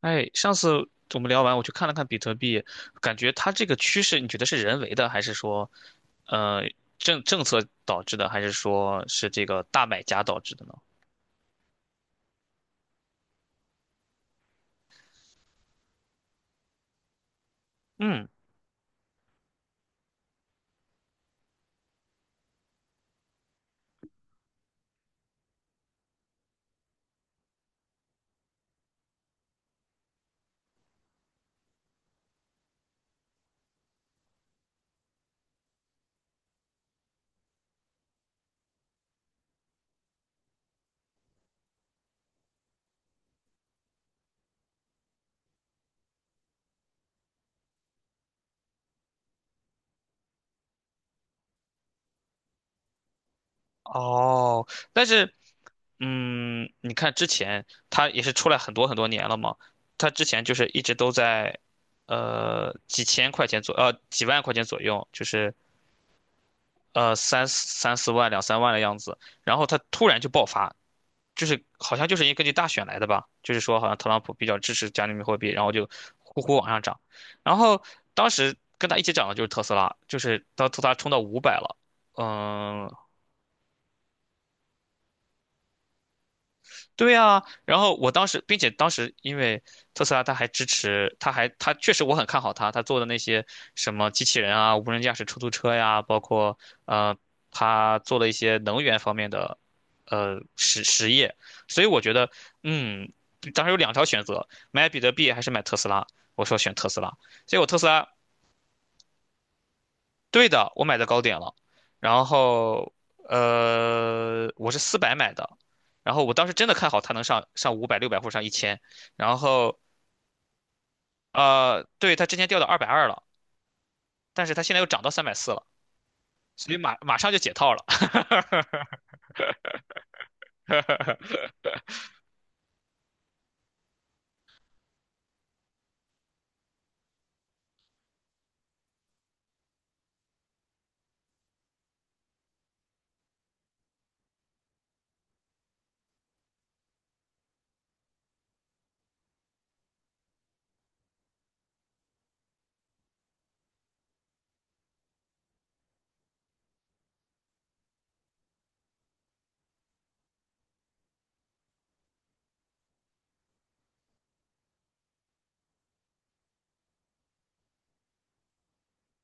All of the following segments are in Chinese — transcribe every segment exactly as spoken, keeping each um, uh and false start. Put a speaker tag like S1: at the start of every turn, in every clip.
S1: 哎，上次我们聊完，我去看了看比特币，感觉它这个趋势，你觉得是人为的，还是说，呃，政政策导致的，还是说是这个大买家导致的呢？嗯。哦。但是，嗯，你看之前它也是出来很多很多年了嘛，它之前就是一直都在，呃，几千块钱左，呃，几万块钱左右，就是呃三三四万、两三万的样子，然后它突然就爆发，就是好像就是因为根据大选来的吧，就是说好像特朗普比较支持加密货币，然后就呼呼往上涨，然后当时跟他一起涨的就是特斯拉，就是当特斯拉冲到五百了。嗯。对啊，然后我当时，并且当时因为特斯拉，它还支持，它还它确实我很看好它，它做的那些什么机器人啊、无人驾驶出租车呀，包括呃，它做了一些能源方面的呃实实业，所以我觉得，嗯，当时有两条选择，买比特币还是买特斯拉，我说选特斯拉，结果特斯拉。对的，我买的高点了，然后呃，我是四百买的，然后我当时真的看好它能上上五百、六百或者上一千，然后呃，对，它之前掉到二百二了，但是它现在又涨到三百四了，所以马马上就解套了。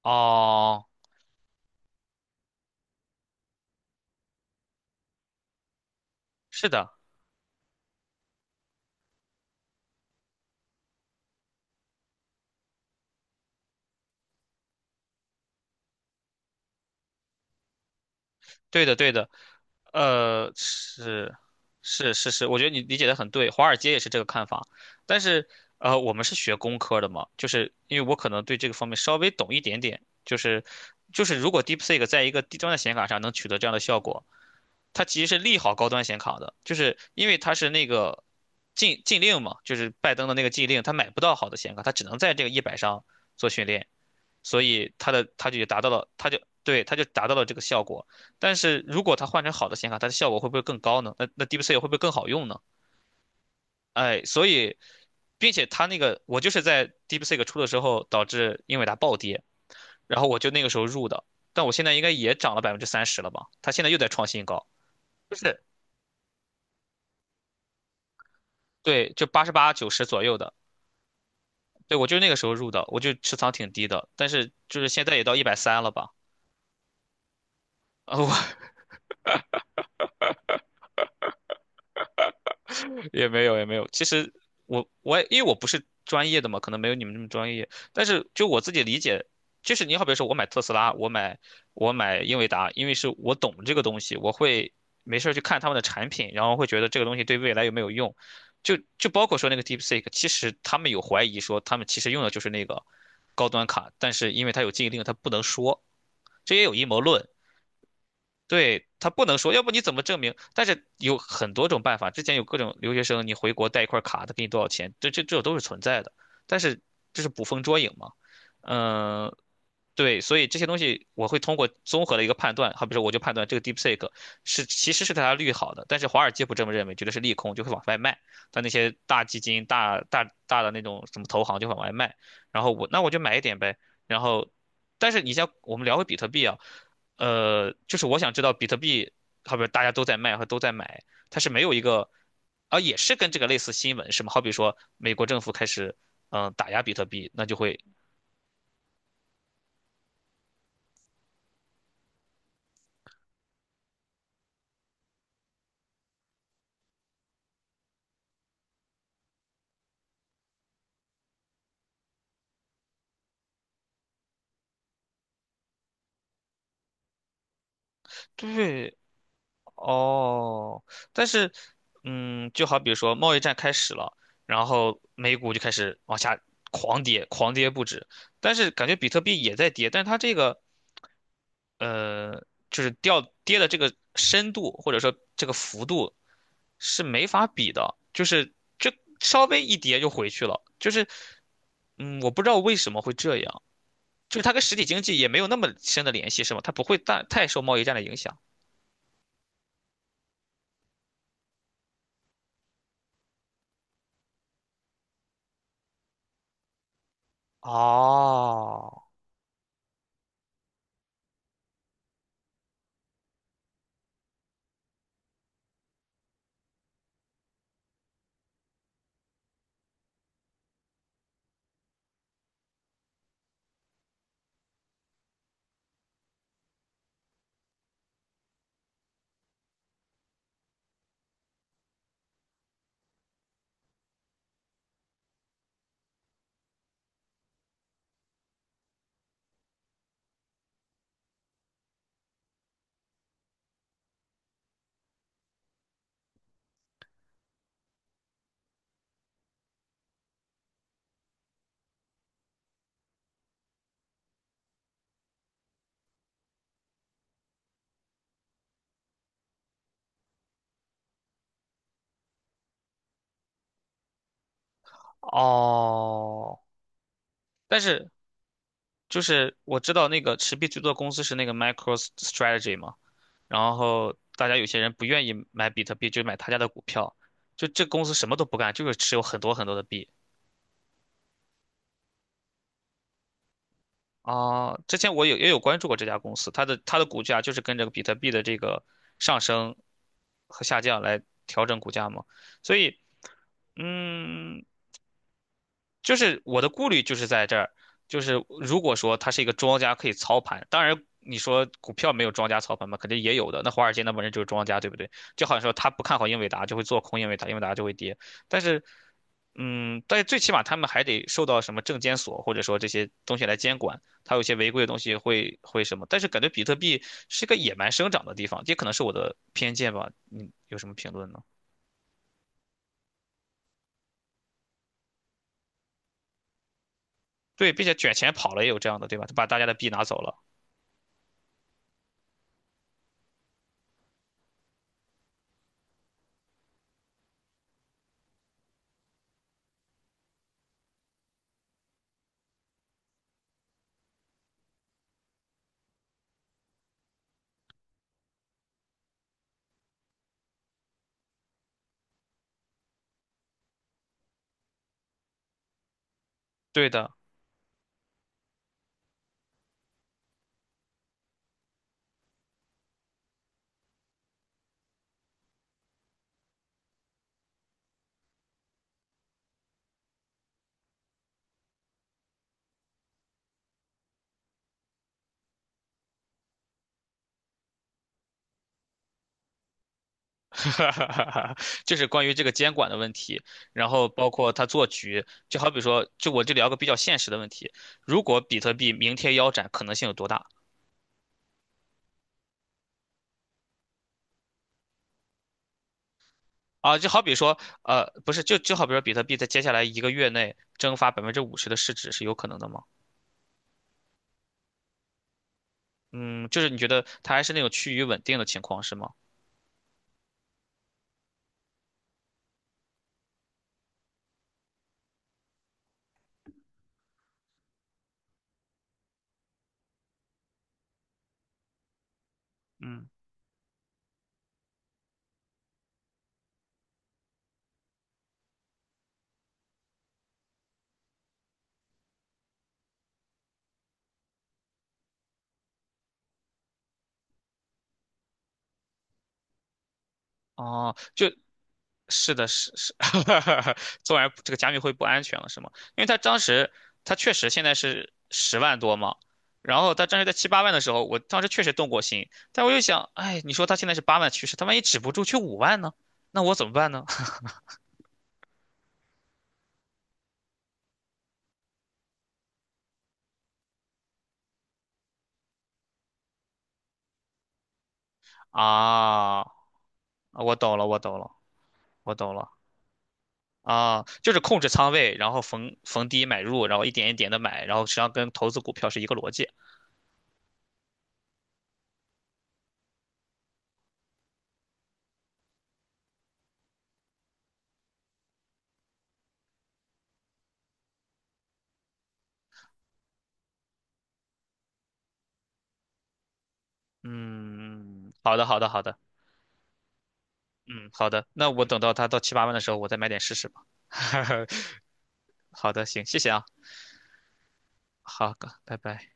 S1: 哦。是的。对的，对的。呃，是，是，是，是，我觉得你理解的很对，华尔街也是这个看法。但是，呃，我们是学工科的嘛，就是因为我可能对这个方面稍微懂一点点，就是，就是如果 DeepSeek 在一个低端的显卡上能取得这样的效果，它其实是利好高端显卡的，就是因为它是那个禁禁令嘛，就是拜登的那个禁令，他买不到好的显卡，他只能在这个一百上做训练。所以它的它就也达到了，它就对它就达到了这个效果。但是如果它换成好的显卡，它的效果会不会更高呢？那那 DeepSeek 会不会更好用呢？哎，所以，并且它那个我就是在 DeepSeek 出的时候导致英伟达暴跌，然后我就那个时候入的，但我现在应该也涨了百分之三十了吧？它现在又在创新高，就是对，就八十八九十左右的。对，我就是那个时候入的，我就持仓挺低的，但是就是现在也到一百三了吧？啊，我也没有也没有。其实我我也因为我不是专业的嘛，可能没有你们那么专业。但是就我自己理解，就是你好比说我买特斯拉，我买我买英伟达，因为是我懂这个东西，我会没事儿去看他们的产品，然后会觉得这个东西对未来有没有用。就就包括说那个 DeepSeek，其实他们有怀疑说他们其实用的就是那个高端卡，但是因为它有禁令，它不能说，这也有阴谋论。对，他不能说，要不你怎么证明？但是有很多种办法，之前有各种留学生，你回国带一块卡，他给你多少钱，这这这都是存在的。但是这是捕风捉影嘛？嗯、对，所以这些东西我会通过综合的一个判断，好比说我就判断这个 DeepSeek 是其实是对它利好的，但是华尔街不这么认为，觉得是利空，就会往外卖。但那些大基金、大大大的那种什么投行就往外卖，然后我那我就买一点呗。然后，但是你像我们聊回比特币啊，呃，就是我想知道比特币，好比大家都在卖和都在买，它是没有一个，啊，也是跟这个类似新闻是吗？好比说美国政府开始嗯、呃打压比特币，那就会。对哦。但是，嗯，就好比说贸易战开始了，然后美股就开始往下狂跌，狂跌不止。但是感觉比特币也在跌，但是它这个，呃，就是掉跌的这个深度或者说这个幅度是没法比的，就是就稍微一跌就回去了，就是，嗯，我不知道为什么会这样，就是它跟实体经济也没有那么深的联系，是吗？它不会大太受贸易战的影响。哦。哦。但是就是我知道那个持币最多的公司是那个 MicroStrategy 嘛，然后大家有些人不愿意买比特币，就买他家的股票，就这公司什么都不干，就是持有很多很多的币。啊，之前我有也有关注过这家公司，它的它的股价就是跟着比特币的这个上升和下降来调整股价嘛，所以，嗯，就是我的顾虑就是在这儿，就是如果说它是一个庄家可以操盘，当然你说股票没有庄家操盘嘛，肯定也有的。那华尔街那帮人就是庄家，对不对？就好像说他不看好英伟达，就会做空英伟达，英伟达就会跌。但是，嗯，但是最起码他们还得受到什么证监所或者说这些东西来监管，它有些违规的东西会会什么。但是感觉比特币是个野蛮生长的地方，这可能是我的偏见吧。你有什么评论呢？对，并且卷钱跑了也有这样的，对吧？他把大家的币拿走了。对的。哈哈哈哈，就是关于这个监管的问题，然后包括他做局，就好比说，就我就聊个比较现实的问题，如果比特币明天腰斩，可能性有多大啊？就好比说，呃，不是，就就好比说，比特币在接下来一个月内蒸发百分之五十的市值是有可能的吗？嗯，就是你觉得它还是那种趋于稳定的情况是吗？嗯。哦，就是的，是是，做完这个加密会不安全了，是吗？因为他当时他确实现在是十万多嘛，然后他当时在七八万的时候，我当时确实动过心，但我又想，哎，你说他现在是八万趋势，他万一止不住去五万呢？那我怎么办呢？啊，我懂了，我懂了，我懂了。啊，就是控制仓位，然后逢逢低买入，然后一点一点的买，然后实际上跟投资股票是一个逻辑。嗯，好的，好的，好的。嗯，好的，那我等到它到七八万的时候，我再买点试试吧。好的，行，谢谢啊，好，拜拜。